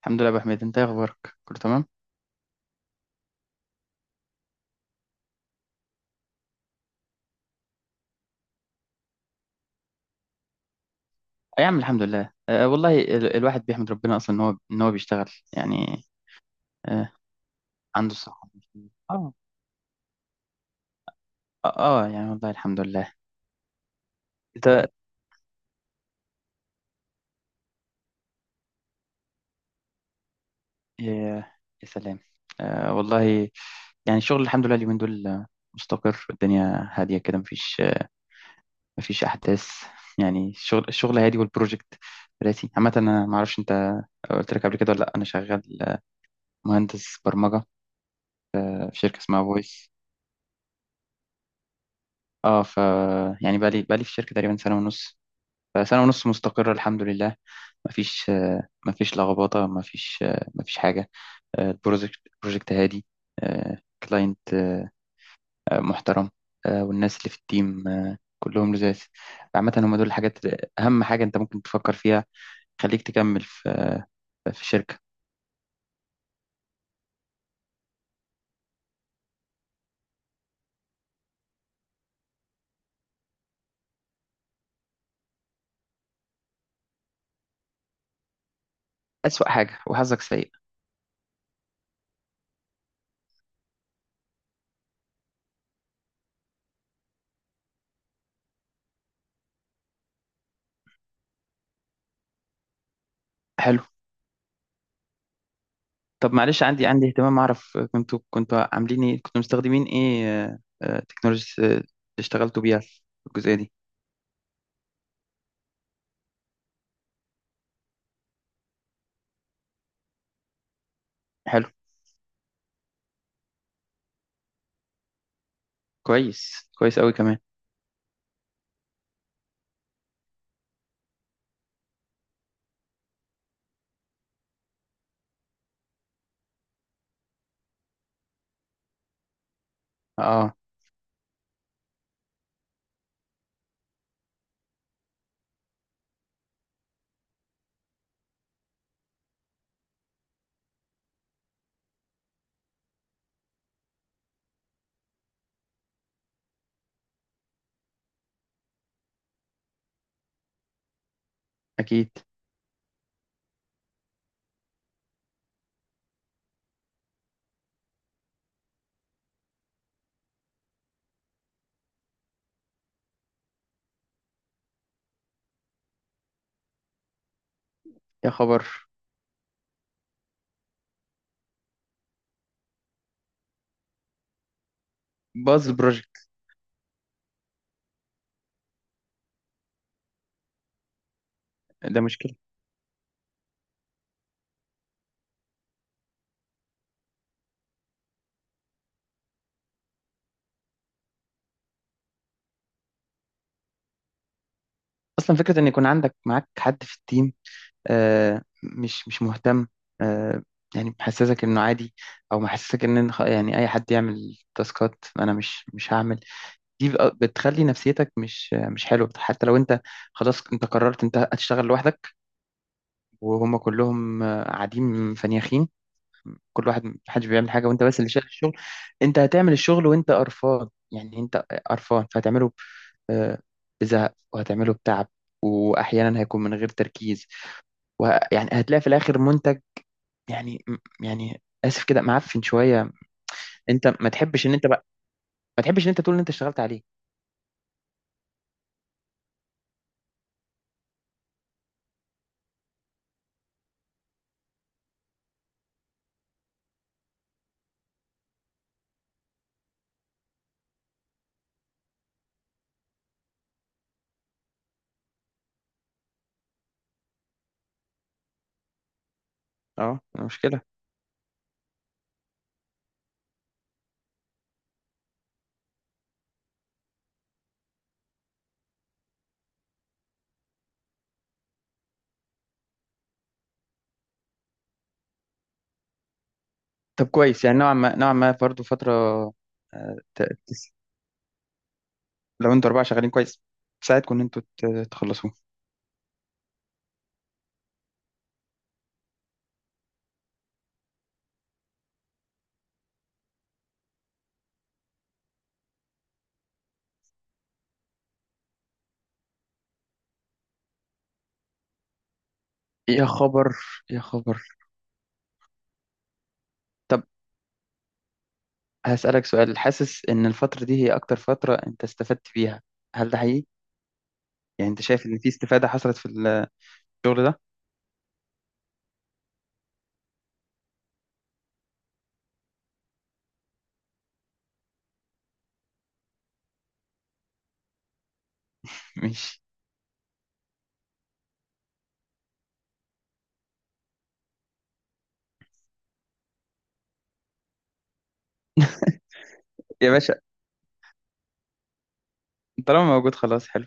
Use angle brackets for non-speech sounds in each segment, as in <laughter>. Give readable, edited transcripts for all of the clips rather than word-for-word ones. الحمد لله يا ابو حميد، انت ايه اخبارك؟ كله تمام. يا عم الحمد لله. والله الواحد بيحمد ربنا اصلا ان هو بيشتغل يعني. أه، عنده الصحه. اه. اه. يعني والله الحمد لله. انت. يا. يا سلام. أه والله، يعني الشغل الحمد لله اليومين دول مستقر. الدنيا هاديه كده، مفيش مفيش احداث. يعني الشغل هادي، والبروجكت راسي عامه. انا ما اعرفش انت قلت لك قبل كده ولا لا. انا شغال مهندس برمجه في شركه اسمها فويس. اه ف، يعني بقالي في الشركة تقريبا سنة ونص. فسنة ونص مستقرة الحمد لله. مفيش، لخبطة، مفيش حاجة. البروجكت بروجكت هادي، آه، كلاينت محترم، والناس اللي في التيم كلهم لزاز. عامة هم دول الحاجات أهم حاجة أنت ممكن تفكر فيها. خليك تكمل في في الشركة. أسوأ حاجة وحظك سيء. حلو. طب معلش، عندي اهتمام أعرف كنتوا عاملين إيه، كنتوا مستخدمين إيه؟ تكنولوجيا اللي اشتغلتوا بيها في الجزئية دي. حلو. كويس، كويس قوي كمان. اه اكيد. يا خبر. باظ البروجكت. ده مشكله. اصلا فكره ان يكون عندك معاك حد في التيم آه مش مهتم، آه يعني محسسك انه عادي، او محسسك ان يعني اي حد يعمل تاسكات انا مش هعمل. دي بقى بتخلي نفسيتك مش مش حلوه. حتى لو انت خلاص انت قررت انت هتشتغل لوحدك، وهم كلهم قاعدين فنيخين، كل واحد محدش بيعمل حاجه وانت بس اللي شايل الشغل. انت هتعمل الشغل وانت قرفان. يعني انت قرفان فهتعمله آه، بزهق، وهتعمله بتعب، واحيانا هيكون من غير تركيز. ويعني هتلاقي في الاخر منتج يعني، يعني اسف كده، معفن شويه. انت ما تحبش ان انت بقى ما تحبش ان انت تقول ان انت اشتغلت عليه. اه مشكله. طب كويس، يعني نوعا ما، نوعا ما برضه فتره. آه، ت- تس- لو انتوا اربعه شغالين كويس تساعدكم ان تخلصوه. يا خبر. يا خبر. هسألك سؤال، حاسس إن الفترة دي هي أكتر فترة أنت استفدت فيها؟ هل ده حقيقي؟ يعني أنت شايف إن في استفادة حصلت في الشغل ده؟ ماشي. يا باشا. طالما موجود خلاص حلو.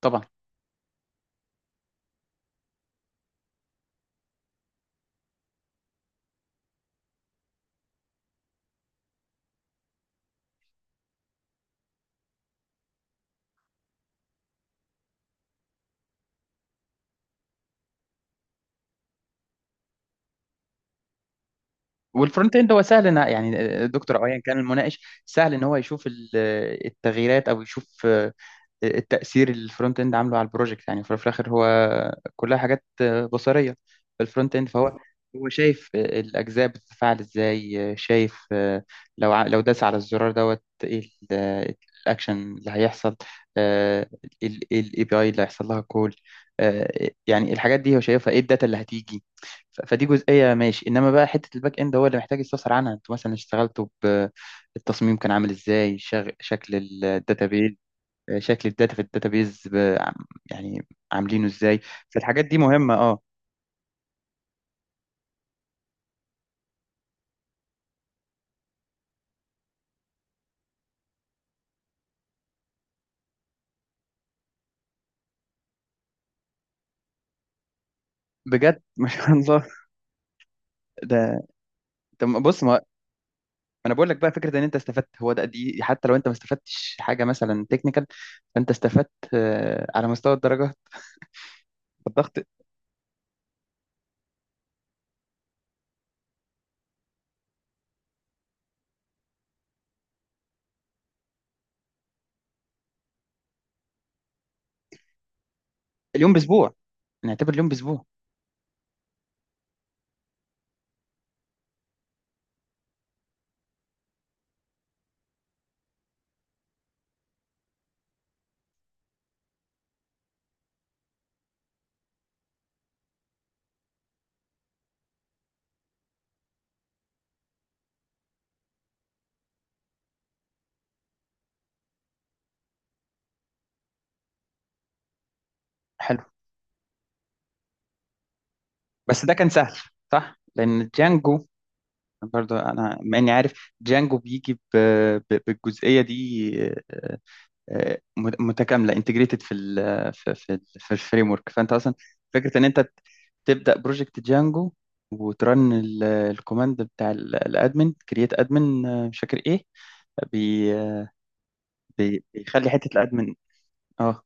طبعا. والفرونت اند هو سهل إن يعني دكتور أو أيا كان المناقش سهل إن هو يشوف التغييرات، أو يشوف التأثير اللي الفرونت اند عامله على البروجكت. يعني في الآخر هو كلها حاجات بصرية في الفرونت اند، فهو هو شايف الأجزاء بتتفاعل إزاي، شايف لو لو داس على الزرار دوت إيه الأكشن اللي هيحصل، الاي بي اي اللي هيحصل لها كول. يعني الحاجات دي هو شايفها، ايه الداتا اللي هتيجي. فدي جزئية ماشي. انما بقى حتة الباك اند هو اللي محتاج يستفسر عنها. انتوا مثلا اشتغلتوا بالتصميم كان عامل ازاي، شكل الداتابيز، شكل الداتا في الداتابيز، يعني عاملينه ازاي. فالحاجات دي مهمه اه. بجد <laughs> ما شاء الله. ده. طب بص ما انا بقول لك بقى، فكره ان انت استفدت هو ده. دي حتى لو انت ما استفدتش حاجه مثلا تكنيكال، فانت استفدت على مستوى الدرجه. الضغط. اليوم باسبوع، نعتبر اليوم باسبوع. حلو. بس ده كان سهل صح لان جانجو برضه، انا مع اني عارف جانجو بيجي بالجزئيه دي آه، متكامله، انتجريتد في في الفريم ورك. فانت اصلا فكره ان انت تبدا بروجكت جانجو وترن الكوماند بتاع الادمن، كرييت ادمن، مش فاكر ايه، بي آه، بيخلي حته الادمن. اه.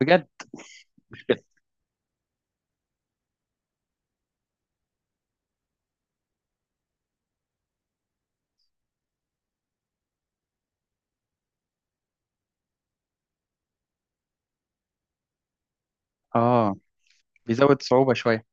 بجد. اه بيزود صعوبة شوية.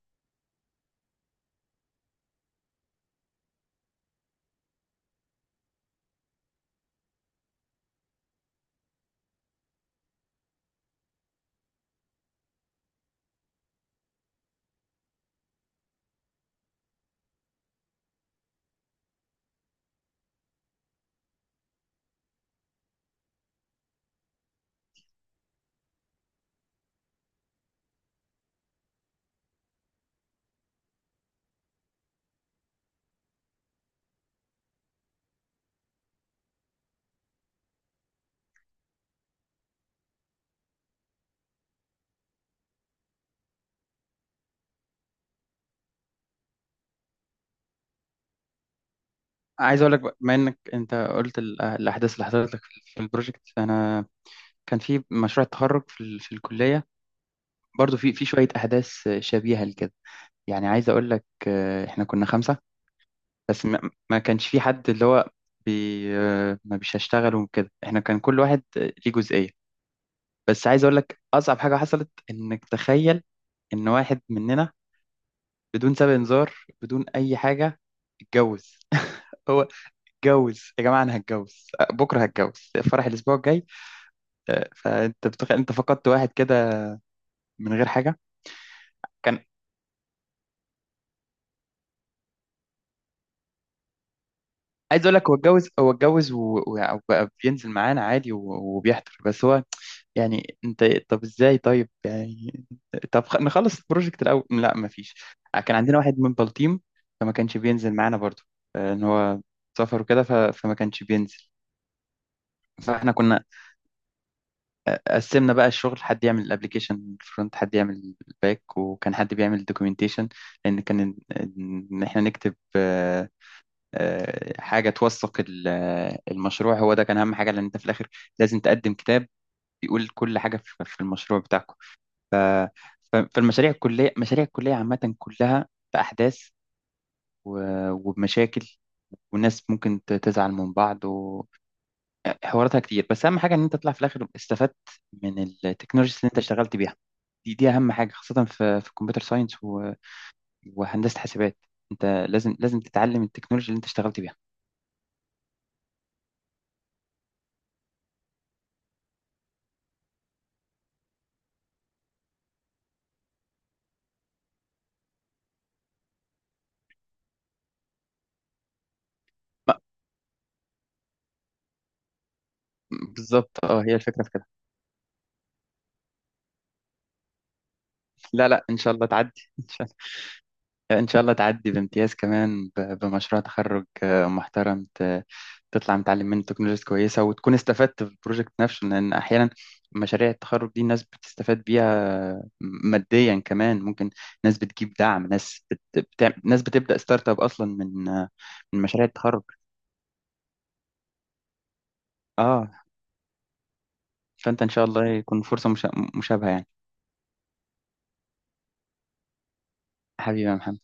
عايز اقول لك بقى، بما انك انت قلت الاحداث اللي حصلت لك في في البروجكت، انا كان في مشروع التخرج في في الكلية برضو في في شوية احداث شبيهة لكده. يعني عايز اقول لك احنا كنا خمسة. بس ما كانش في حد اللي هو بي آه، ما بيش هشتغل وكده. احنا كان كل واحد ليه جزئية. بس عايز اقول لك اصعب حاجة حصلت، انك تخيل ان واحد مننا بدون سابق انذار، بدون اي حاجة، اتجوز. <laughs> هو اتجوز يا جماعة، انا هتجوز بكرة هتجوز، فرح الاسبوع الجاي. فانت بتخيل انت فقدت واحد كده من غير حاجة. كان عايز اقول لك، هو اتجوز، هو اتجوز وبقى بينزل معانا عادي، وبيحضر. بس هو يعني انت طب ازاي طيب، يعني طب نخلص البروجكت الاول. لا مفيش، كان عندنا واحد من بلطيم فما كانش بينزل معانا برضو، ان هو سافر وكده، فما كانش بينزل. فاحنا كنا قسمنا بقى الشغل، حد يعمل الابليكيشن فرونت، حد يعمل الباك، وكان حد بيعمل الدوكيومنتيشن، لان كان ان إن احنا نكتب حاجة توثق المشروع. هو ده كان أهم حاجة، لأن أنت في الآخر لازم تقدم كتاب بيقول كل حاجة في في المشروع بتاعكم. فالمشاريع الكلية، مشاريع الكلية عامة كلها بأحداث وبمشاكل، والناس ممكن تزعل من بعض، وحواراتها كتير. بس أهم حاجة إن أنت تطلع في الآخر استفدت من التكنولوجيز اللي أنت اشتغلت بيها. دي دي أهم حاجة، خاصة في في الكمبيوتر ساينس و- وهندسة حاسبات. أنت لازم تتعلم التكنولوجيا اللي أنت اشتغلت بيها. بالظبط اه، هي الفكرة في كده. لا لا ان شاء الله تعدي، ان شاء الله، ان شاء الله تعدي بامتياز كمان، بمشروع تخرج محترم، تطلع متعلم منه تكنولوجيز كويسه، وتكون استفدت في البروجكت نفسه. لان احيانا مشاريع التخرج دي الناس بتستفاد بيها ماديا كمان، ممكن ناس بتجيب دعم، ناس ناس بتبدا ستارت اب اصلا من من مشاريع التخرج. اه فانت ان شاء الله يكون فرصه مشابهه يعني. حبيبي يا محمد.